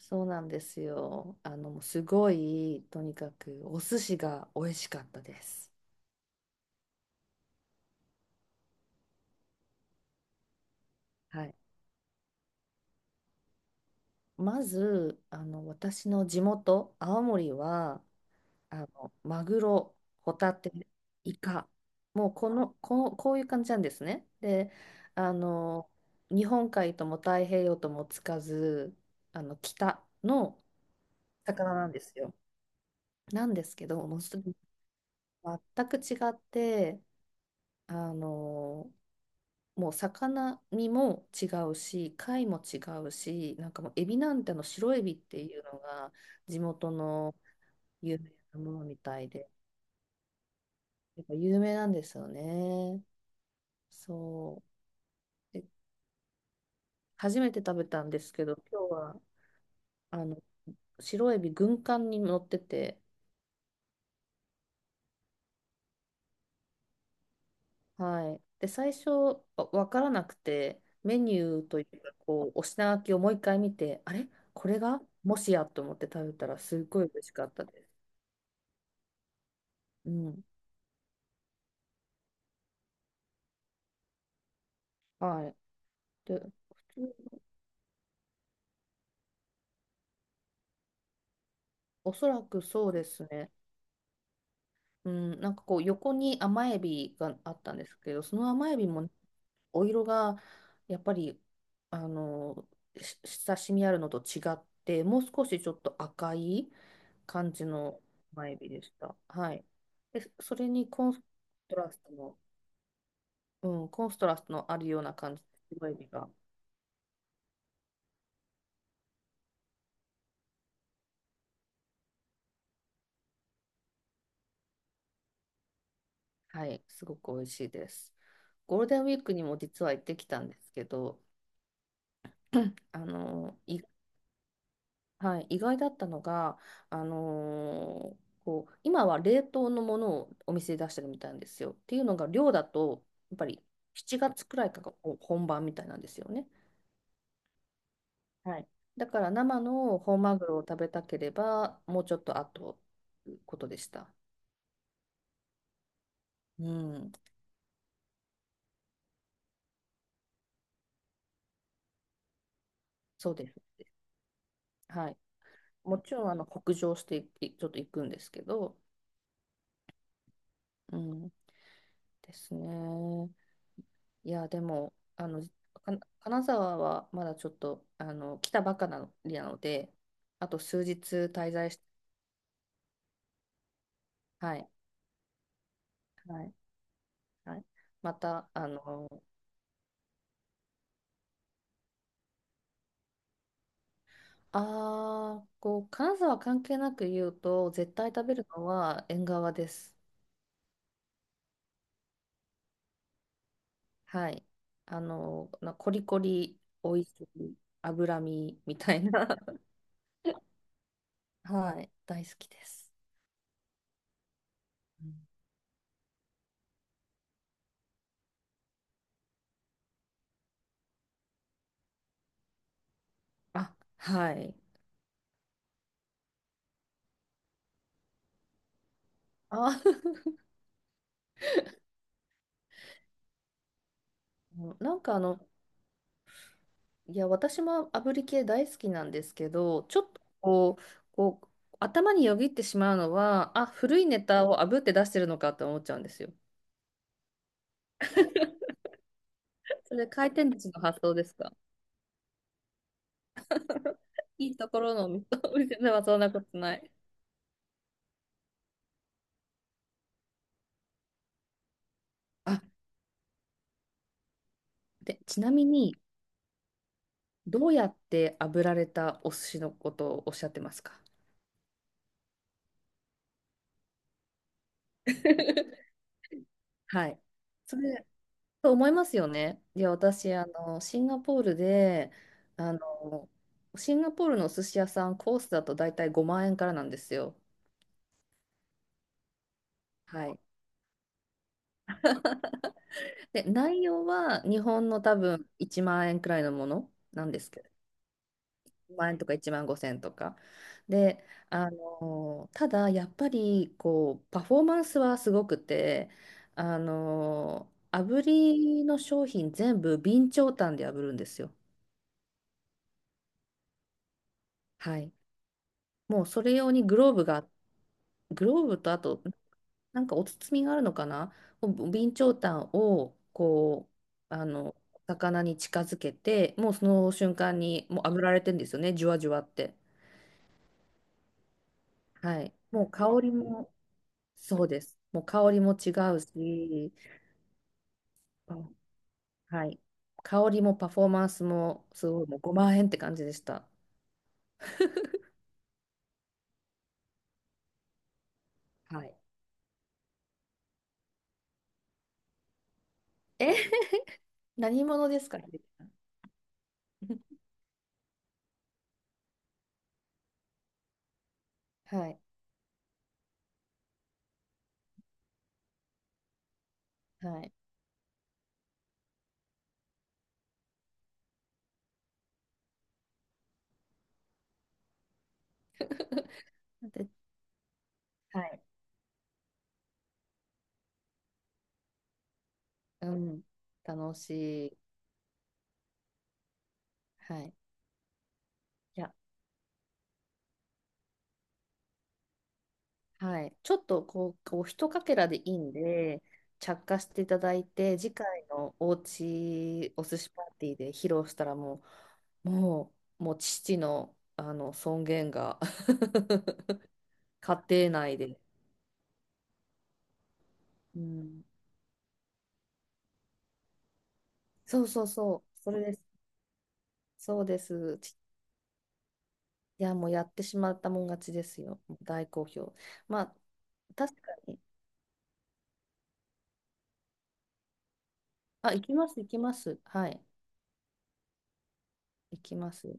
そうなんですよ。もうすごい、とにかくお寿司が美味しかったです。はい。まず、私の地元、青森は、マグロ、ホタテ、イカ、もうこういう感じなんですね。で、あの、日本海とも太平洋ともつかず、北の魚なんですよ。なんですけど、もうちょっと全く違って、あの、もう魚身も違うし貝も違うし、なんかもうエビなんて、あの白エビっていうのが地元の有名なものみたいで、やっぱ有名なんですよね。そうで、初めて食べたんですけど今日は、あの白エビ軍艦に乗ってて。はい。で、最初わからなくて、メニューというかお品書きをもう一回見て、あれ、これがもしやと思って食べたらすっごい美味しかったです。うん。はい。で、普通、おそらくそうですね。うん、なんか横に甘エビがあったんですけど、その甘エビもね、お色がやっぱり、あのし親しみあるのと違って、もう少しちょっと赤い感じの甘エビでした。はい。で、それにトラストの、うん、コンストラストのあるような感じの白エビが。はい、すごく美味しいです。ゴールデンウィークにも実は行ってきたんですけど、あの、意はい、意外だったのが、今は冷凍のものをお店で出してるみたいなんですよ。っていうのが量だと、やっぱり7月くらいから本番みたいなんですよね。はい、だから生の本マグロを食べたければもうちょっと後ということでした。うん、そうです。はい、もちろん北上していちょっと行くんですけど。うん、ですね。いや、でも、金沢はまだちょっと、来たばかりなので、あと数日滞在し。はい、はい、はい。また、金沢関係なく言うと、絶対食べるのは縁側です。はい。コリコリ、美味しい、脂身みたいな。はい、大好きです。うん、あ、はい。あ、なんかいや、私も炙り系大好きなんですけど、ちょっとこう、頭によぎってしまうのは、あ、古いネタを炙って出してるのかって思っちゃうんですよ。それ回転寿司の発想ですか？ いいところのお店 お店ではそんなことない。あ、で、ちなみに、どうやって炙られたお寿司のことをおっしゃってますか？ はい。それと思いますよね。いや、私、シンガポールで、あの、シンガポールのお寿司屋さん、コースだと大体5万円からなんですよ。はい。で、内容は日本の多分1万円くらいのものなんですけど、1万円とか1万5千円とか。で、ただ、やっぱり、パフォーマンスはすごくて、炙りの商品全部備長炭で炙るんですよ。はい。もうそれ用にグローブと、あと、なんかお包みがあるのかな、お備長炭を、う、あの、魚に近づけて、もうその瞬間に、もう炙られてるんですよね、じゅわじゅわって。はい。もう香りも、そうです。もう香りも違うし、あ、はい。香りもパフォーマンスも、すごい、もう5万円って感じでした。はい。え 何者ですかね？ はい。はい。で、はい。うん。楽しい。はい。いや、はい、ちょっとこう一かけらでいいんで、着火していただいて、次回のおうちお寿司パーティーで披露したらう、ももう父の、あの尊厳が 家庭内で。うん、そうそうそう、それです、そうです。いや、もうやってしまったもん勝ちですよ、大好評。まあ、確かに、あ、行きます、行きます、はい、行きます。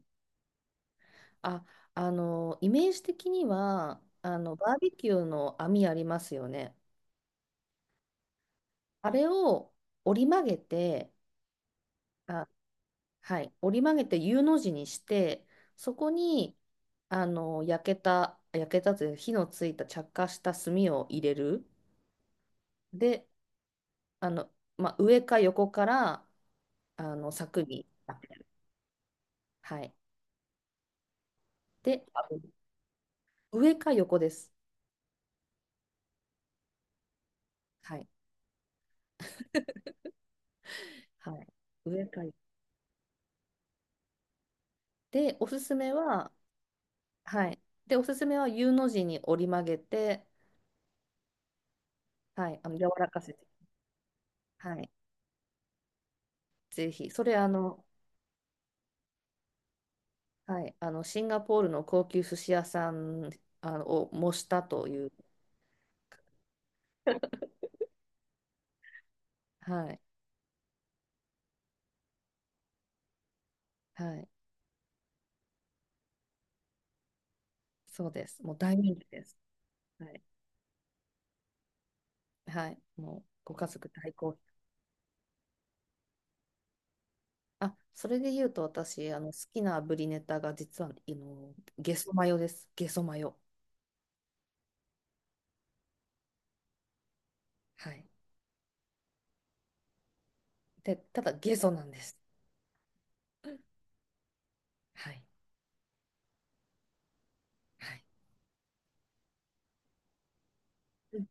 あ、イメージ的には、バーベキューの網ありますよね。あれを折り曲げて、あ、はい、折り曲げて U の字にして、そこに、焼けたという、火のついた着火した炭を入れる。で、あの、まあ、上か横から、柵に当てる。はい。で、あ、上か横です。はい。はい。上か横。で、おすすめは、はい。で、おすすめは U の字に折り曲げて、はい、柔らかせて、はい、ぜひ、それ、はい、シンガポールの高級寿司屋さん、を模したという。はい、はい、そうです。もう大人気です。はい、はい、もうご家族大好評。あ、それで言うと私、好きなブリネタが、実はゲソマヨです。ゲソマヨ。はい。で、ただゲソなんです。はい。はい。うん、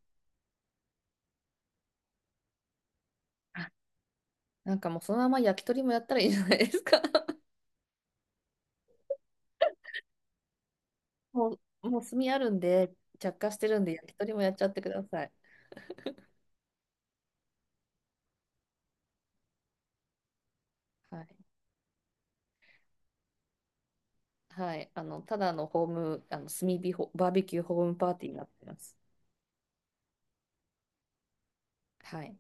なんかもうそのまま焼き鳥もやったらいいじゃないですか。ももう炭あるんで、着火してるんで、焼き鳥もやっちゃってください。はい。はい。ただのホーム、あの、炭火ホ、バーベキューホームパーティーになってます。はい。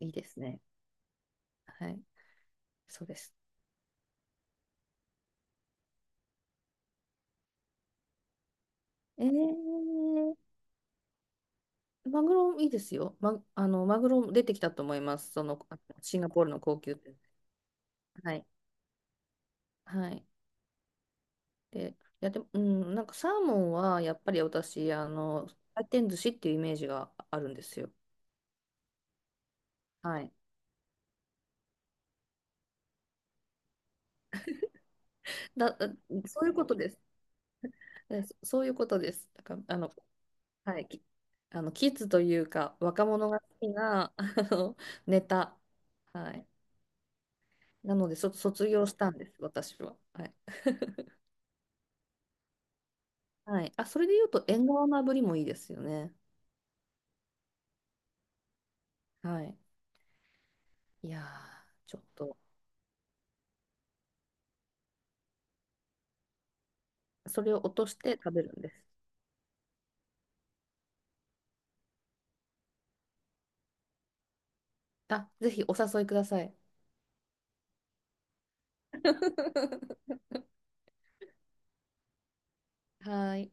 いいですね。はい。そうです。えー、マグロいいですよ。ま、マグロ出てきたと思います。その、シンガポールの高級店。はい。はい。で、いや、でも、うん、なんかサーモンは、やっぱり私、回転寿司っていうイメージがあるんですよ。はい。だ、そういうことです。そういうことです。だから、はい。きあの、キッズというか、若者が好きな、の、ネタ。はい。なので、卒業したんです、私は。はい。はい。あ、それで言うと、縁側の炙りもいいですよね。はい。いやー、ちょっと、それを落として食べるんです。あ、ぜひお誘いください。はい。